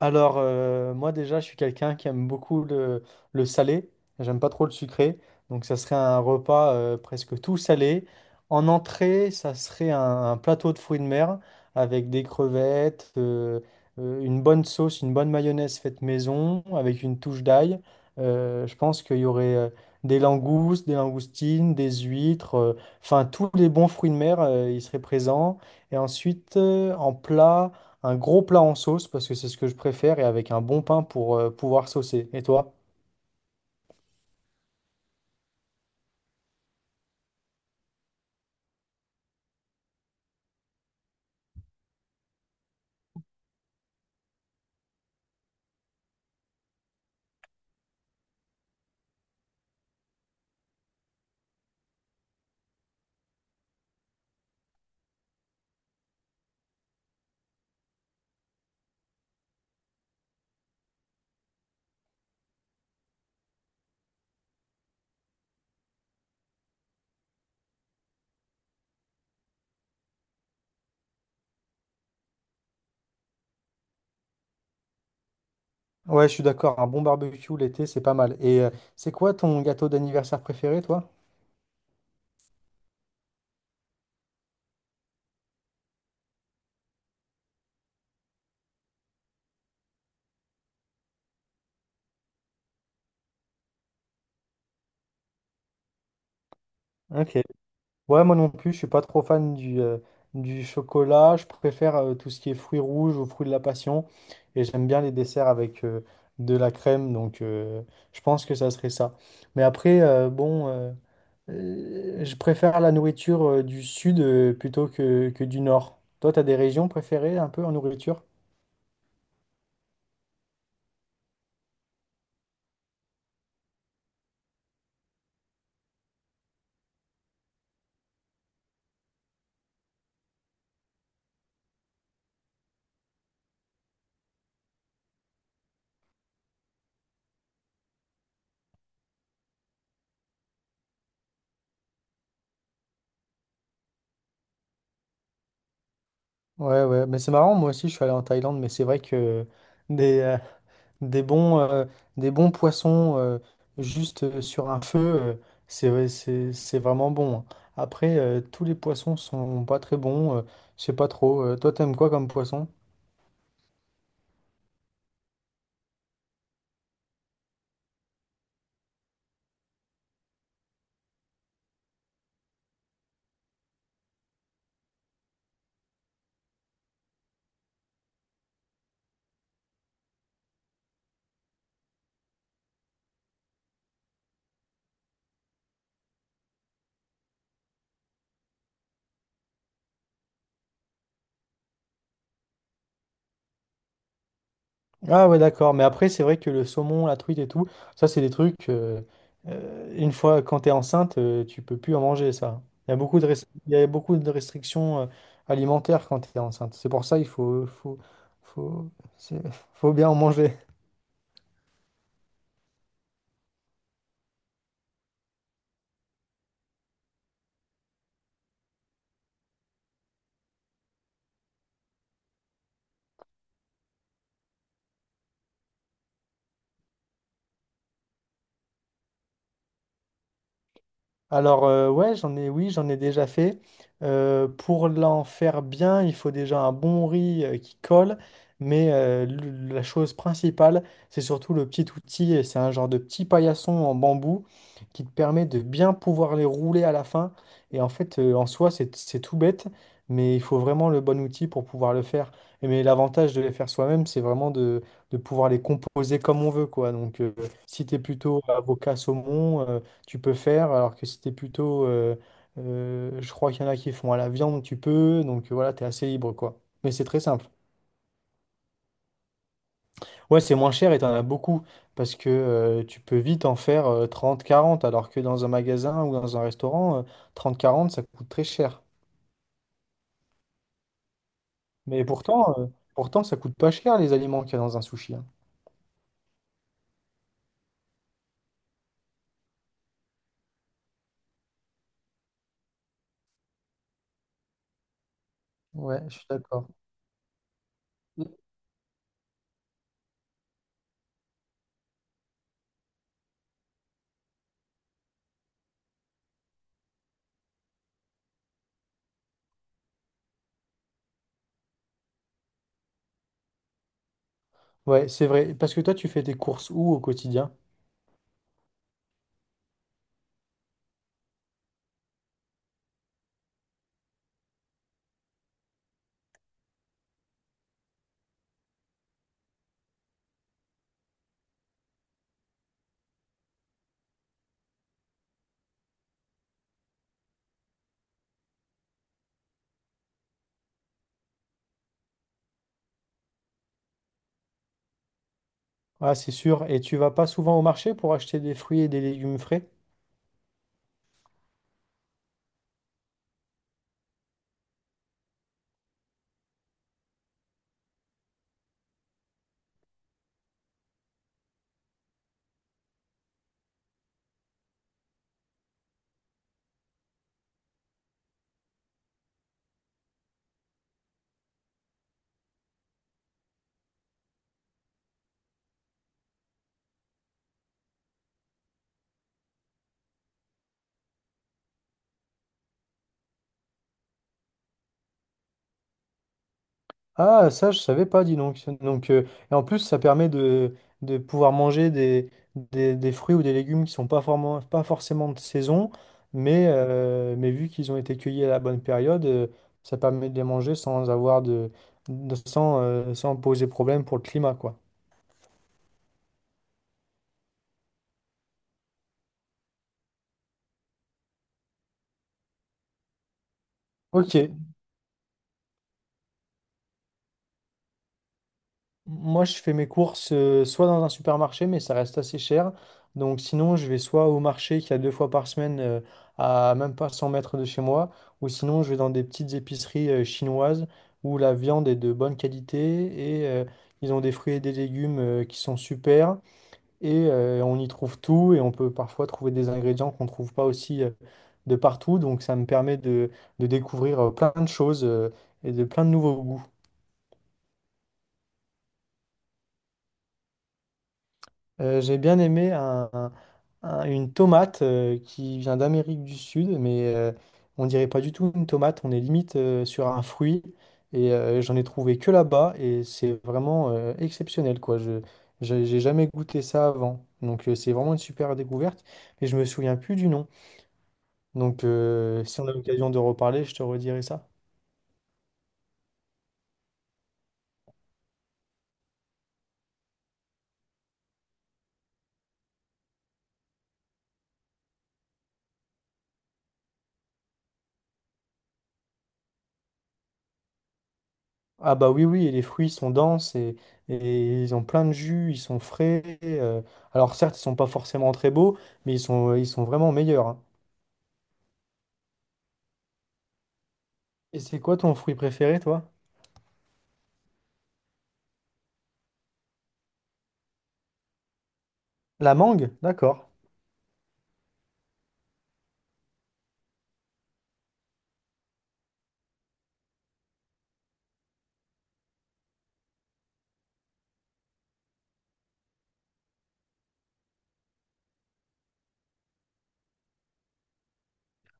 Moi déjà, je suis quelqu'un qui aime beaucoup le salé. J'aime pas trop le sucré. Donc, ça serait un repas presque tout salé. En entrée, ça serait un plateau de fruits de mer avec des crevettes, une bonne sauce, une bonne mayonnaise faite maison avec une touche d'ail. Je pense qu'il y aurait des langoustes, des langoustines, des huîtres, enfin, tous les bons fruits de mer, ils seraient présents. Et ensuite, en plat un gros plat en sauce parce que c'est ce que je préfère et avec un bon pain pour pouvoir saucer. Et toi? Ouais, je suis d'accord, un bon barbecue l'été, c'est pas mal. Et c'est quoi ton gâteau d'anniversaire préféré, toi? Ok. Ouais, moi non plus, je suis pas trop fan du chocolat. Je préfère tout ce qui est fruits rouges ou fruits de la passion. Et j'aime bien les desserts avec de la crème, donc je pense que ça serait ça. Mais après, je préfère la nourriture du sud plutôt que du nord. Toi, t'as des régions préférées un peu en nourriture? Ouais, ouais, mais c'est marrant, moi aussi je suis allé en Thaïlande, mais c'est vrai que des, euh, des bons, euh, des bons poissons juste sur un feu, c'est vraiment bon, hein. Après, tous les poissons sont pas très bons, je sais pas trop. Toi, t'aimes quoi comme poisson? Ah ouais, d'accord. Mais après, c'est vrai que le saumon, la truite et tout, ça, c'est des trucs. Une fois, quand t'es enceinte, tu peux plus en manger ça. Il y a il y a beaucoup de restrictions alimentaires quand t'es enceinte. C'est pour ça il faut, c'est- faut bien en manger. Oui, j'en ai déjà fait. Pour l'en faire bien, il faut déjà un bon riz qui colle, mais la chose principale, c'est surtout le petit outil, et c'est un genre de petit paillasson en bambou qui te permet de bien pouvoir les rouler à la fin. Et en fait, en soi, c'est tout bête, mais il faut vraiment le bon outil pour pouvoir le faire. Et mais l'avantage de les faire soi-même, c'est vraiment de pouvoir les composer comme on veut, quoi. Donc, si t'es plutôt avocat saumon, tu peux faire, alors que si t'es plutôt, je crois qu'il y en a qui font à la viande, tu peux, donc voilà, t'es assez libre, quoi. Mais c'est très simple. Ouais, c'est moins cher et t'en as beaucoup, parce que tu peux vite en faire 30, 40, alors que dans un magasin ou dans un restaurant, 30, 40, ça coûte très cher. Mais pourtant, pourtant, ça coûte pas cher les aliments qu'il y a dans un sushi, hein. Ouais, je suis d'accord. Ouais, c'est vrai, parce que toi, tu fais tes courses où au quotidien? Ah, c'est sûr, et tu vas pas souvent au marché pour acheter des fruits et des légumes frais? Ah, ça, je savais pas, dis donc. Donc, et en plus, ça permet de pouvoir manger des fruits ou des légumes qui sont pas forcément de saison, mais vu qu'ils ont été cueillis à la bonne période, ça permet de les manger sans sans, sans poser problème pour le climat, quoi. Ok. Moi, je fais mes courses soit dans un supermarché, mais ça reste assez cher. Donc, sinon, je vais soit au marché qu'il y a deux fois par semaine à même pas 100 mètres de chez moi, ou sinon, je vais dans des petites épiceries chinoises où la viande est de bonne qualité et ils ont des fruits et des légumes qui sont super. Et on y trouve tout et on peut parfois trouver des ingrédients qu'on ne trouve pas aussi de partout. Donc, ça me permet de découvrir plein de choses et de plein de nouveaux goûts. J'ai bien aimé une tomate qui vient d'Amérique du Sud, mais on dirait pas du tout une tomate, on est limite sur un fruit. Et j'en ai trouvé que là-bas, et c'est vraiment exceptionnel, quoi. Je, j'ai jamais goûté ça avant. Donc c'est vraiment une super découverte, mais je me souviens plus du nom. Donc si on a l'occasion de reparler, je te redirai ça. Ah bah oui, oui, et les fruits sont denses et ils ont plein de jus, ils sont frais. Alors certes, ils sont pas forcément très beaux, mais ils ils sont vraiment meilleurs, hein. Et c'est quoi ton fruit préféré, toi? La mangue? D'accord.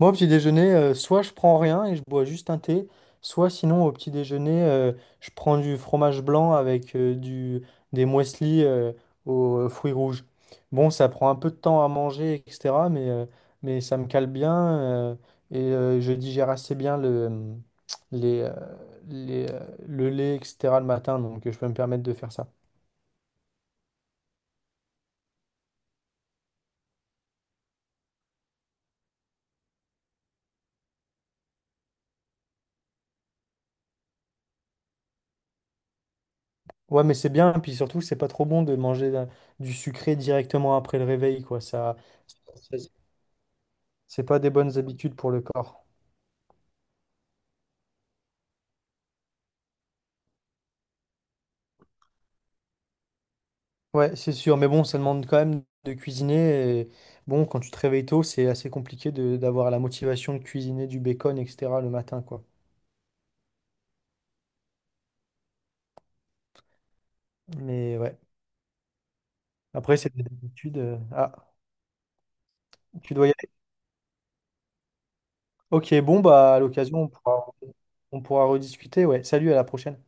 Moi, au petit déjeuner, soit je prends rien et je bois juste un thé, soit sinon au petit déjeuner, je prends du fromage blanc avec des muesli aux fruits rouges. Bon, ça prend un peu de temps à manger, etc., mais ça me cale bien euh, et je digère assez bien les, euh, les, euh, le lait, etc., le matin, donc je peux me permettre de faire ça. Ouais, mais c'est bien, puis surtout, c'est pas trop bon de manger du sucré directement après le réveil, quoi. Ça. C'est pas des bonnes habitudes pour le corps. Ouais, c'est sûr, mais bon, ça demande quand même de cuisiner. Et bon, quand tu te réveilles tôt, c'est assez compliqué de d'avoir la motivation de cuisiner du bacon, etc. le matin, quoi. Mais ouais. Après, c'est des habitudes. Ah, tu dois y aller. Ok, bon, bah à l'occasion, on pourra rediscuter. Ouais, salut, à la prochaine.